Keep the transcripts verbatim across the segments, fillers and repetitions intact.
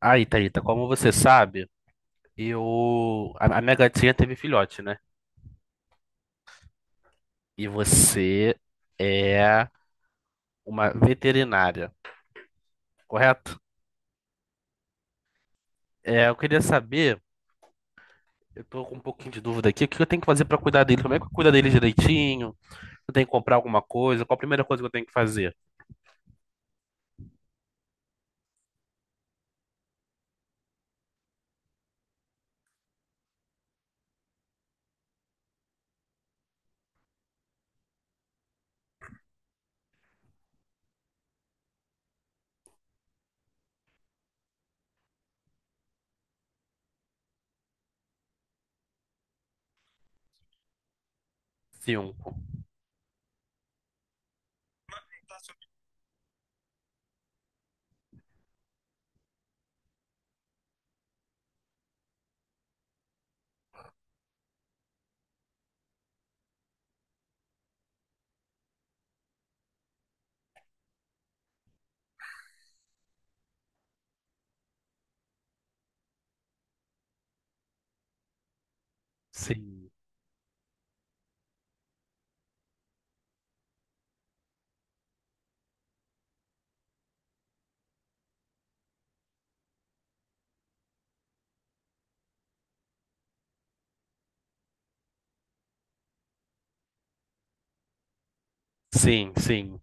Aí, Thalita, como você sabe, eu. A a minha gatinha teve filhote, né? E você é uma veterinária, correto? É, eu queria saber, eu tô com um pouquinho de dúvida aqui, o que eu tenho que fazer pra cuidar dele? Como é que eu cuido dele direitinho? Eu tenho que comprar alguma coisa? Qual a primeira coisa que eu tenho que fazer? Cinco. Sim. Sim, sim,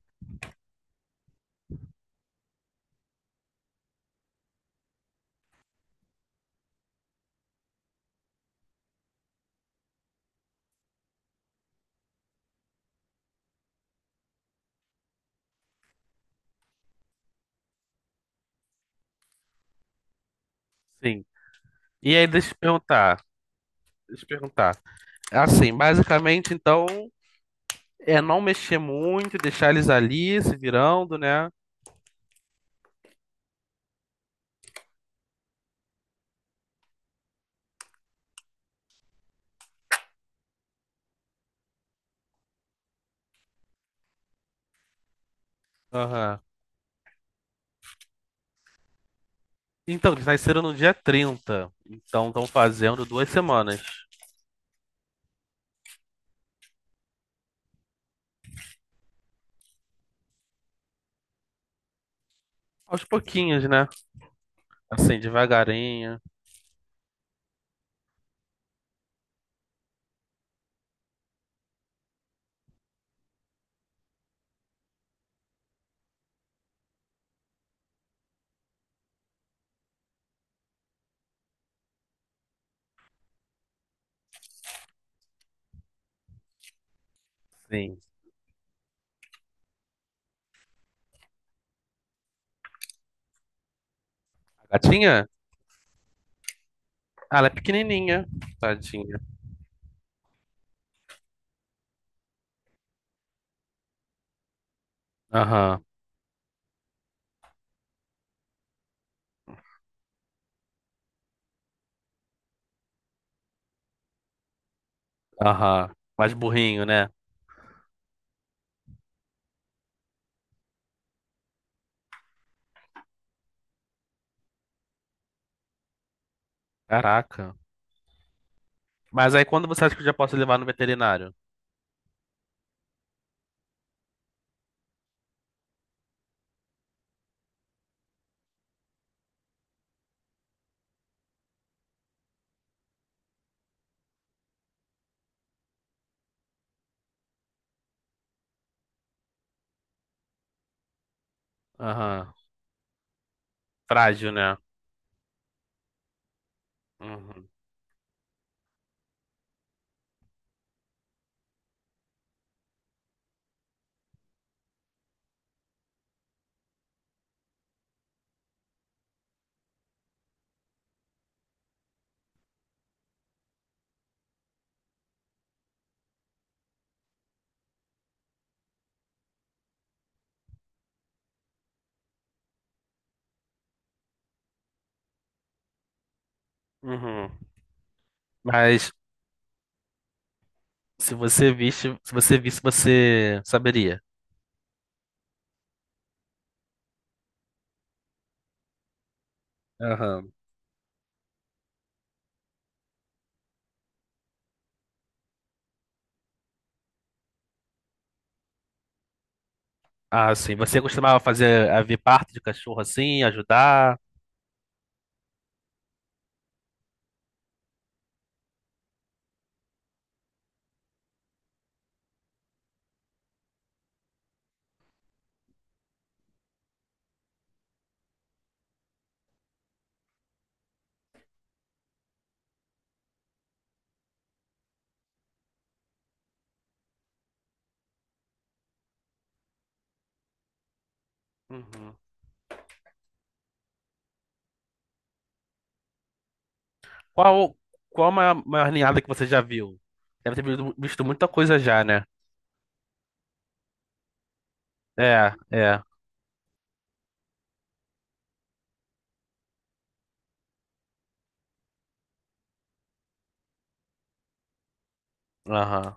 sim. E aí, deixa eu te perguntar. Deixa eu te perguntar. Assim, basicamente, então, é não mexer muito, deixar eles ali se virando, né? Aham. Então, eles nasceram no dia trinta, então estão fazendo duas semanas. Aos pouquinhos, né? Assim, devagarinho. Sim. A gatinha? Ah, ela é pequenininha. Tadinha. Aham, aham. Mais burrinho, né? Caraca. Mas aí, quando você acha que eu já posso levar no veterinário? Aham. Frágil, né? Uhum. Uhum. Mas se você visse, se você visse, você saberia. Aham. Ah, sim. Você costumava fazer a ver parto de cachorro assim, ajudar? Uhum. Qual, qual a maior, maior ninhada que você já viu? Deve ter visto, visto muita coisa já, né? É, é. Aham.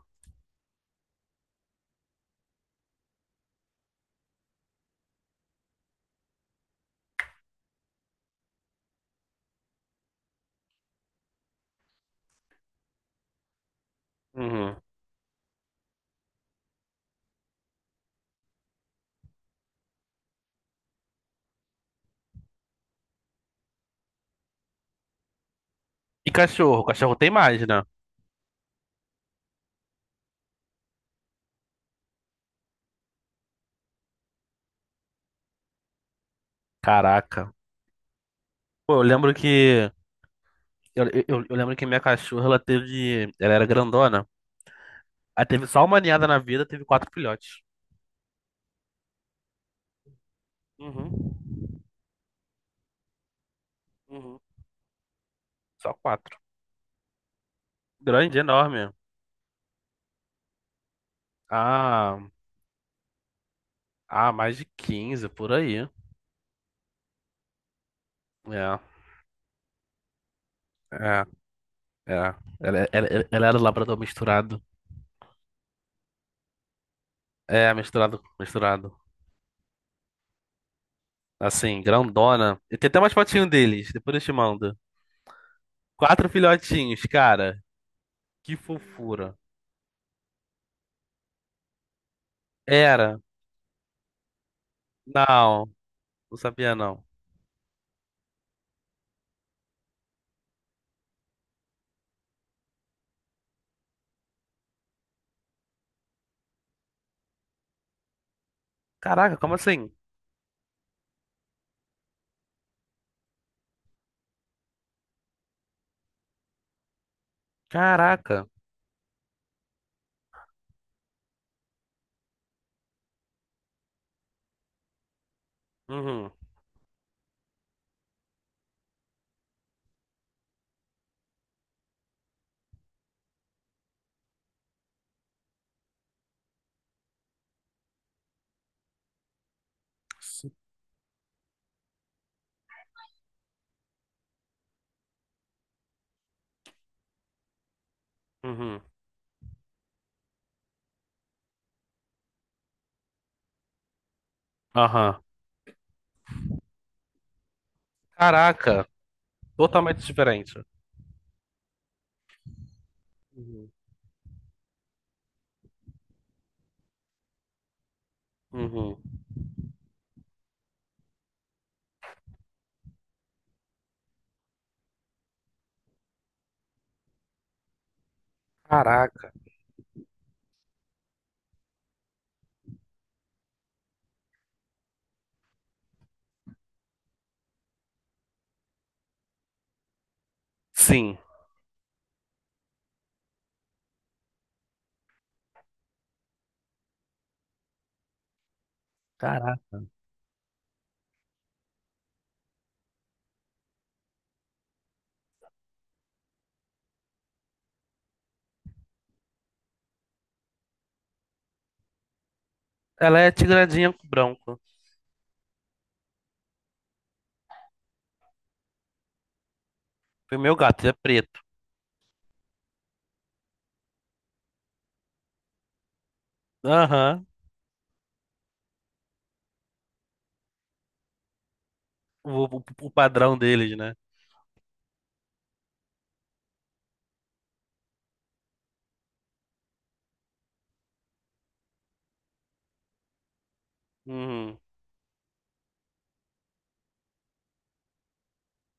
Uhum. E cachorro? Cachorro tem mais, né? Caraca. Pô, eu lembro que. Eu, eu, eu lembro que minha cachorra, ela teve. Ela era grandona. Ela teve só uma ninhada na vida, teve quatro filhotes. Uhum. Uhum. Só quatro. Grande, enorme. Ah, ah, mais de quinze por aí. É, é, é. Ela, ela, ela ela era labrador misturado. É, misturado, misturado. Assim, grandona. E tem até umas fotinhas deles, depois eu te mando. Quatro filhotinhos, cara. Que fofura. Era. Não, não sabia não. Caraca, como assim? Caraca. Uhum, uhum, aham. Caraca, totalmente diferente. Uhum, uhum. Caraca. Sim. Caraca. Ela é tigradinha com branco. E o meu gato, ele é preto. Aham. O, o- o padrão deles, né? Uhum.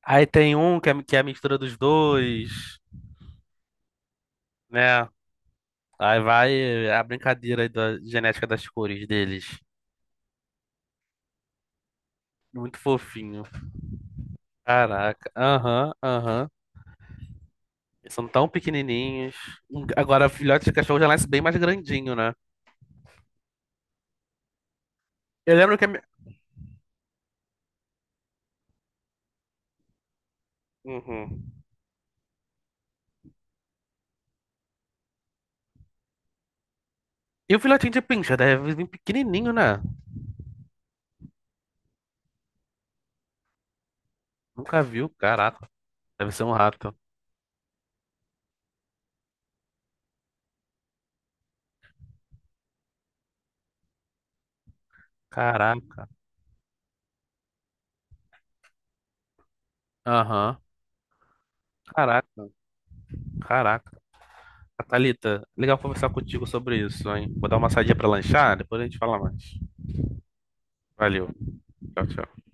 Aí tem um que é, que é a mistura dos dois, né? Aí vai é a brincadeira aí da genética das cores deles. Muito fofinho. Caraca. Aham, aham. Eles são tão pequenininhos. Agora, filhote de cachorro já nasce bem mais grandinho, né? Eu lembro que a minha... Uhum. E o filhotinho de pincha deve vir pequenininho, né? Nunca viu. Caraca. Deve ser um rato. Caraca. Aham. Caraca. Caraca. Thalita, legal conversar contigo sobre isso, hein? Vou dar uma saidinha pra lanchar, depois a gente fala mais. Valeu. Tchau, tchau.